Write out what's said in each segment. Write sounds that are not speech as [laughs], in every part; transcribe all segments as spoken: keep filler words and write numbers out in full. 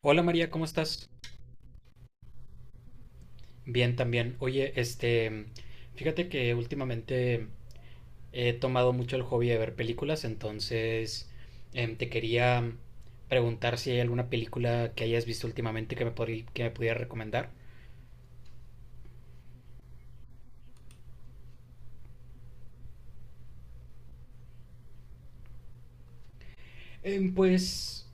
Hola María, ¿cómo estás? Bien también. Oye, este, fíjate que últimamente he tomado mucho el hobby de ver películas. Entonces em, te quería preguntar si hay alguna película que hayas visto últimamente que me, podrí- que me pudiera recomendar. Em, pues,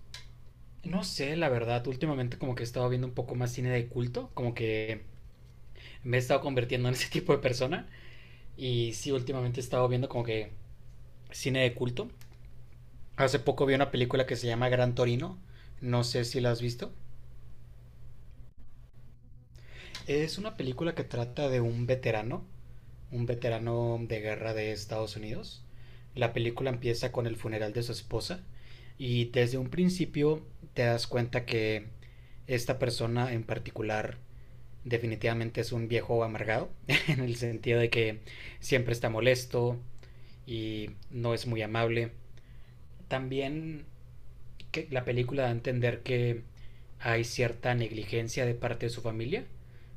no sé, la verdad, últimamente como que he estado viendo un poco más cine de culto, como que me he estado convirtiendo en ese [laughs] tipo de persona, y sí, últimamente he estado viendo como que cine de culto. Hace poco vi una película que se llama Gran Torino. No sé si la has visto. Es una película que trata de un veterano, un veterano de guerra de Estados Unidos. La película empieza con el funeral de su esposa y desde un principio te das cuenta que esta persona en particular definitivamente es un viejo amargado, [laughs] en el sentido de que siempre está molesto y no es muy amable. También que la película da a entender que hay cierta negligencia de parte de su familia,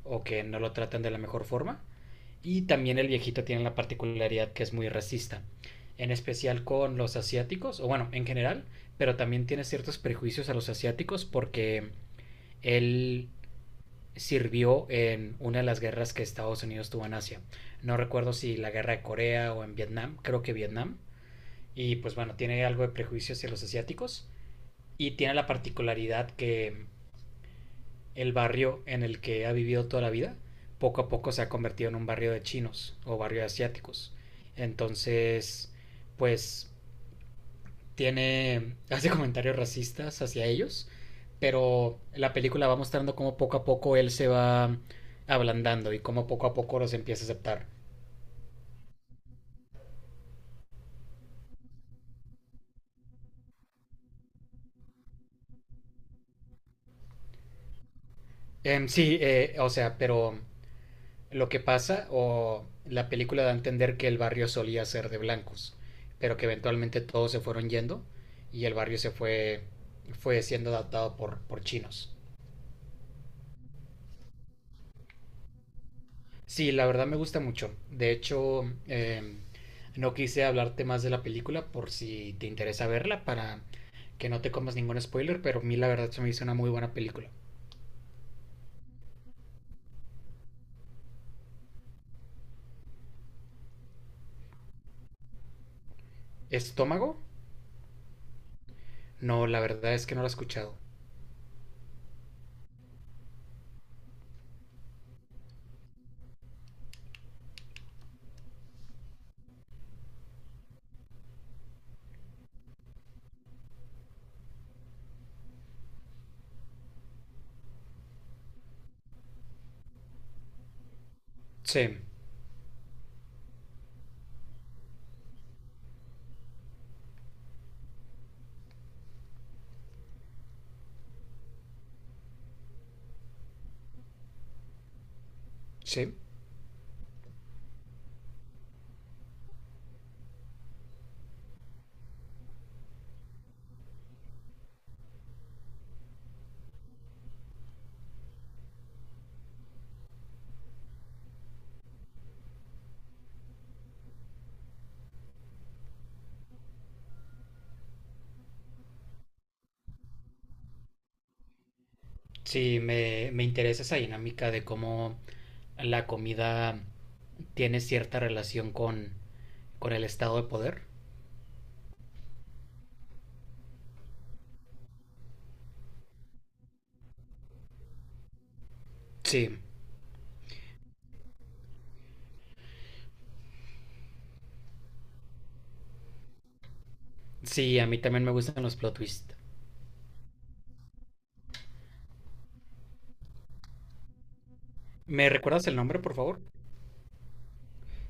o que no lo tratan de la mejor forma. Y también el viejito tiene la particularidad que es muy racista, en especial con los asiáticos, o bueno, en general, pero también tiene ciertos prejuicios a los asiáticos porque él sirvió en una de las guerras que Estados Unidos tuvo en Asia. No recuerdo si la guerra de Corea o en Vietnam, creo que Vietnam. Y pues bueno, tiene algo de prejuicio hacia los asiáticos, y tiene la particularidad que el barrio en el que ha vivido toda la vida poco a poco se ha convertido en un barrio de chinos o barrio de asiáticos. Entonces, pues tiene, [laughs] hace comentarios racistas hacia ellos, pero la película va mostrando cómo poco a poco él se va ablandando y cómo poco a poco los empieza a aceptar. Em, sí, eh, o sea, pero lo que pasa, o la película da a entender que el barrio solía ser de blancos, pero que eventualmente todos se fueron yendo y el barrio se fue, fue siendo adaptado por, por chinos. Sí, la verdad me gusta mucho. De hecho, eh, no quise hablarte más de la película por si te interesa verla para que no te comas ningún spoiler, pero a mí la verdad se me hizo una muy buena película. ¿Estómago? No, la verdad es que no la he escuchado. Sí, sí. Sí, me, me interesa esa dinámica de cómo la comida tiene cierta relación con, con el estado de poder. Sí, sí, a mí también me gustan los plot twists. ¿Me recuerdas el nombre, por favor?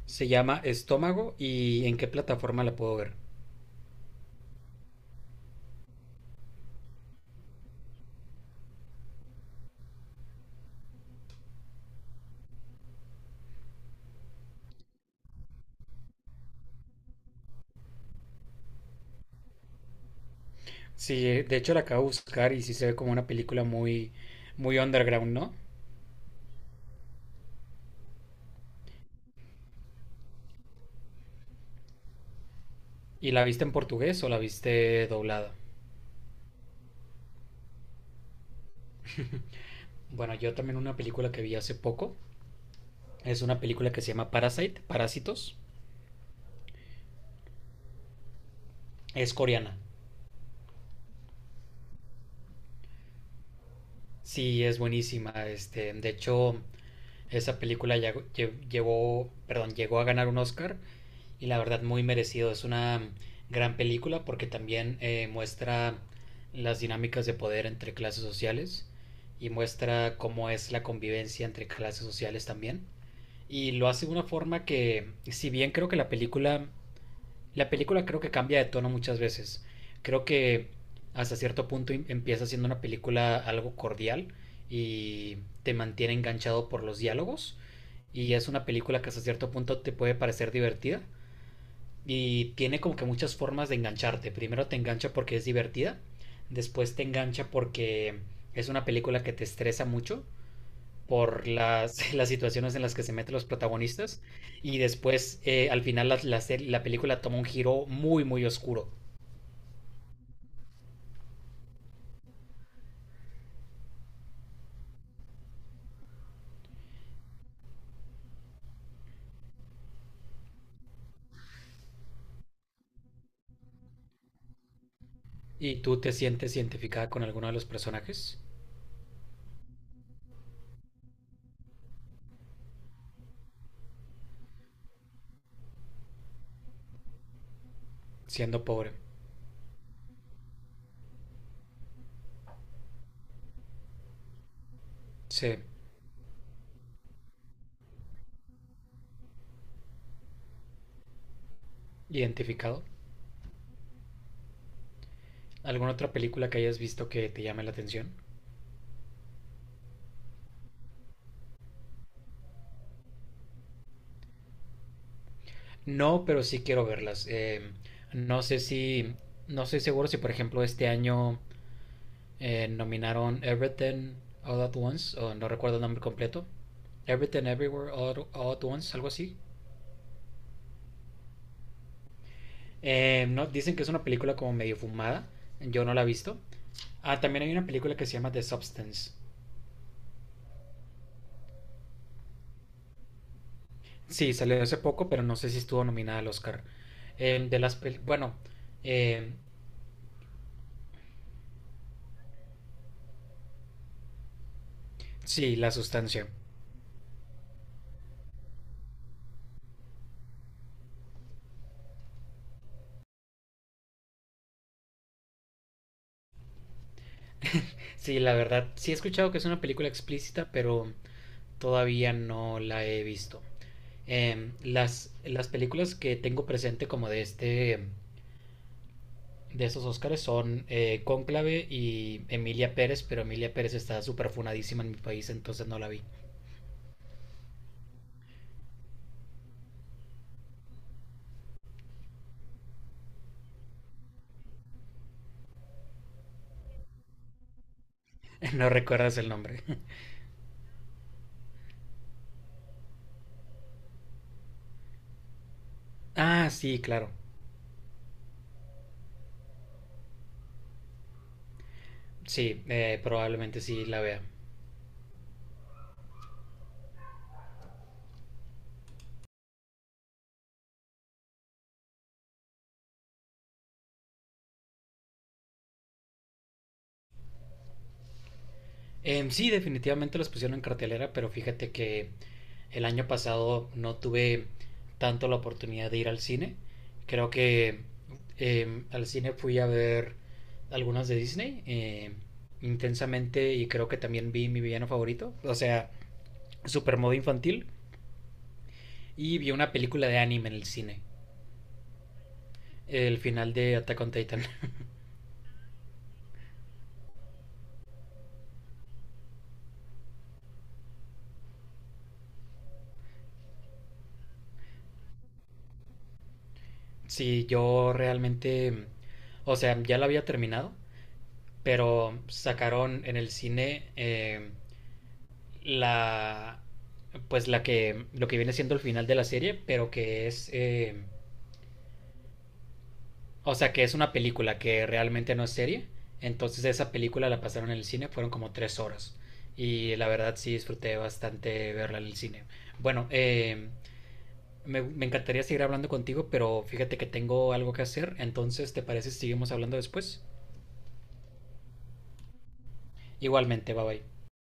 Se llama Estómago, ¿y en qué plataforma la puedo ver? Sí, de hecho la acabo de buscar y sí se ve como una película muy, muy underground, ¿no? ¿Y la viste en portugués o la viste doblada? Bueno, yo también una película que vi hace poco. Es una película que se llama Parasite, Parásitos. Es coreana. Sí, es buenísima. Este, de hecho, esa película ya lle- llevó, perdón, llegó a ganar un Oscar, y la verdad muy merecido. Es una gran película porque también eh, muestra las dinámicas de poder entre clases sociales y muestra cómo es la convivencia entre clases sociales también. Y lo hace de una forma que, si bien creo que la película la película creo que cambia de tono muchas veces. Creo que hasta cierto punto em- empieza siendo una película algo cordial y te mantiene enganchado por los diálogos. Y es una película que hasta cierto punto te puede parecer divertida. Y tiene como que muchas formas de engancharte. Primero te engancha porque es divertida. Después te engancha porque es una película que te estresa mucho por las, [laughs] las situaciones en las que se meten los protagonistas, y después eh, al final la, la, ser- la película toma un giro muy muy oscuro. ¿Y tú te sientes identificada con alguno de los personajes? Siendo pobre. Sí, identificado. ¿Alguna otra película que hayas visto que te llame la atención? No, pero sí quiero verlas. Eh, no sé si, no estoy seguro si por ejemplo este año eh, nominaron Everything All at Once, o no recuerdo el nombre completo. Everything Everywhere All, All at Once, algo así. Eh, no, dicen que es una película como medio fumada. Yo no la he visto. Ah, también hay una película que se llama The Substance. Sí, salió hace poco, pero no sé si estuvo nominada al Oscar. Eh, de las pel- bueno, eh, sí, La Sustancia. Sí, la verdad, sí he escuchado que es una película explícita, pero todavía no la he visto. Eh, las, las películas que tengo presente como de este de esos Oscars son eh, Cónclave y Emilia Pérez, pero Emilia Pérez está súper funadísima en mi país, entonces no la vi. [laughs] No recuerdas el nombre. [laughs] Ah, sí, claro. Sí, eh, probablemente sí la vea. Em, sí, definitivamente los pusieron en cartelera, pero fíjate que el año pasado no tuve tanto la oportunidad de ir al cine. Creo que em, al cine fui a ver algunas de Disney, em, intensamente, y creo que también vi Mi Villano Favorito, o sea, Supermodo Infantil, y vi una película de anime en el cine, el final de Attack on Titan. Sí, yo realmente, o sea, ya la había terminado, pero sacaron en el cine eh, la, pues la que, lo que viene siendo el final de la serie, pero que es, eh, o sea, que es una película que realmente no es serie. Entonces esa película la pasaron en el cine, fueron como tres horas. Y la verdad sí disfruté bastante verla en el cine. Bueno, eh, me, me encantaría seguir hablando contigo, pero fíjate que tengo algo que hacer. Entonces, ¿te parece si seguimos hablando después? Igualmente, bye bye.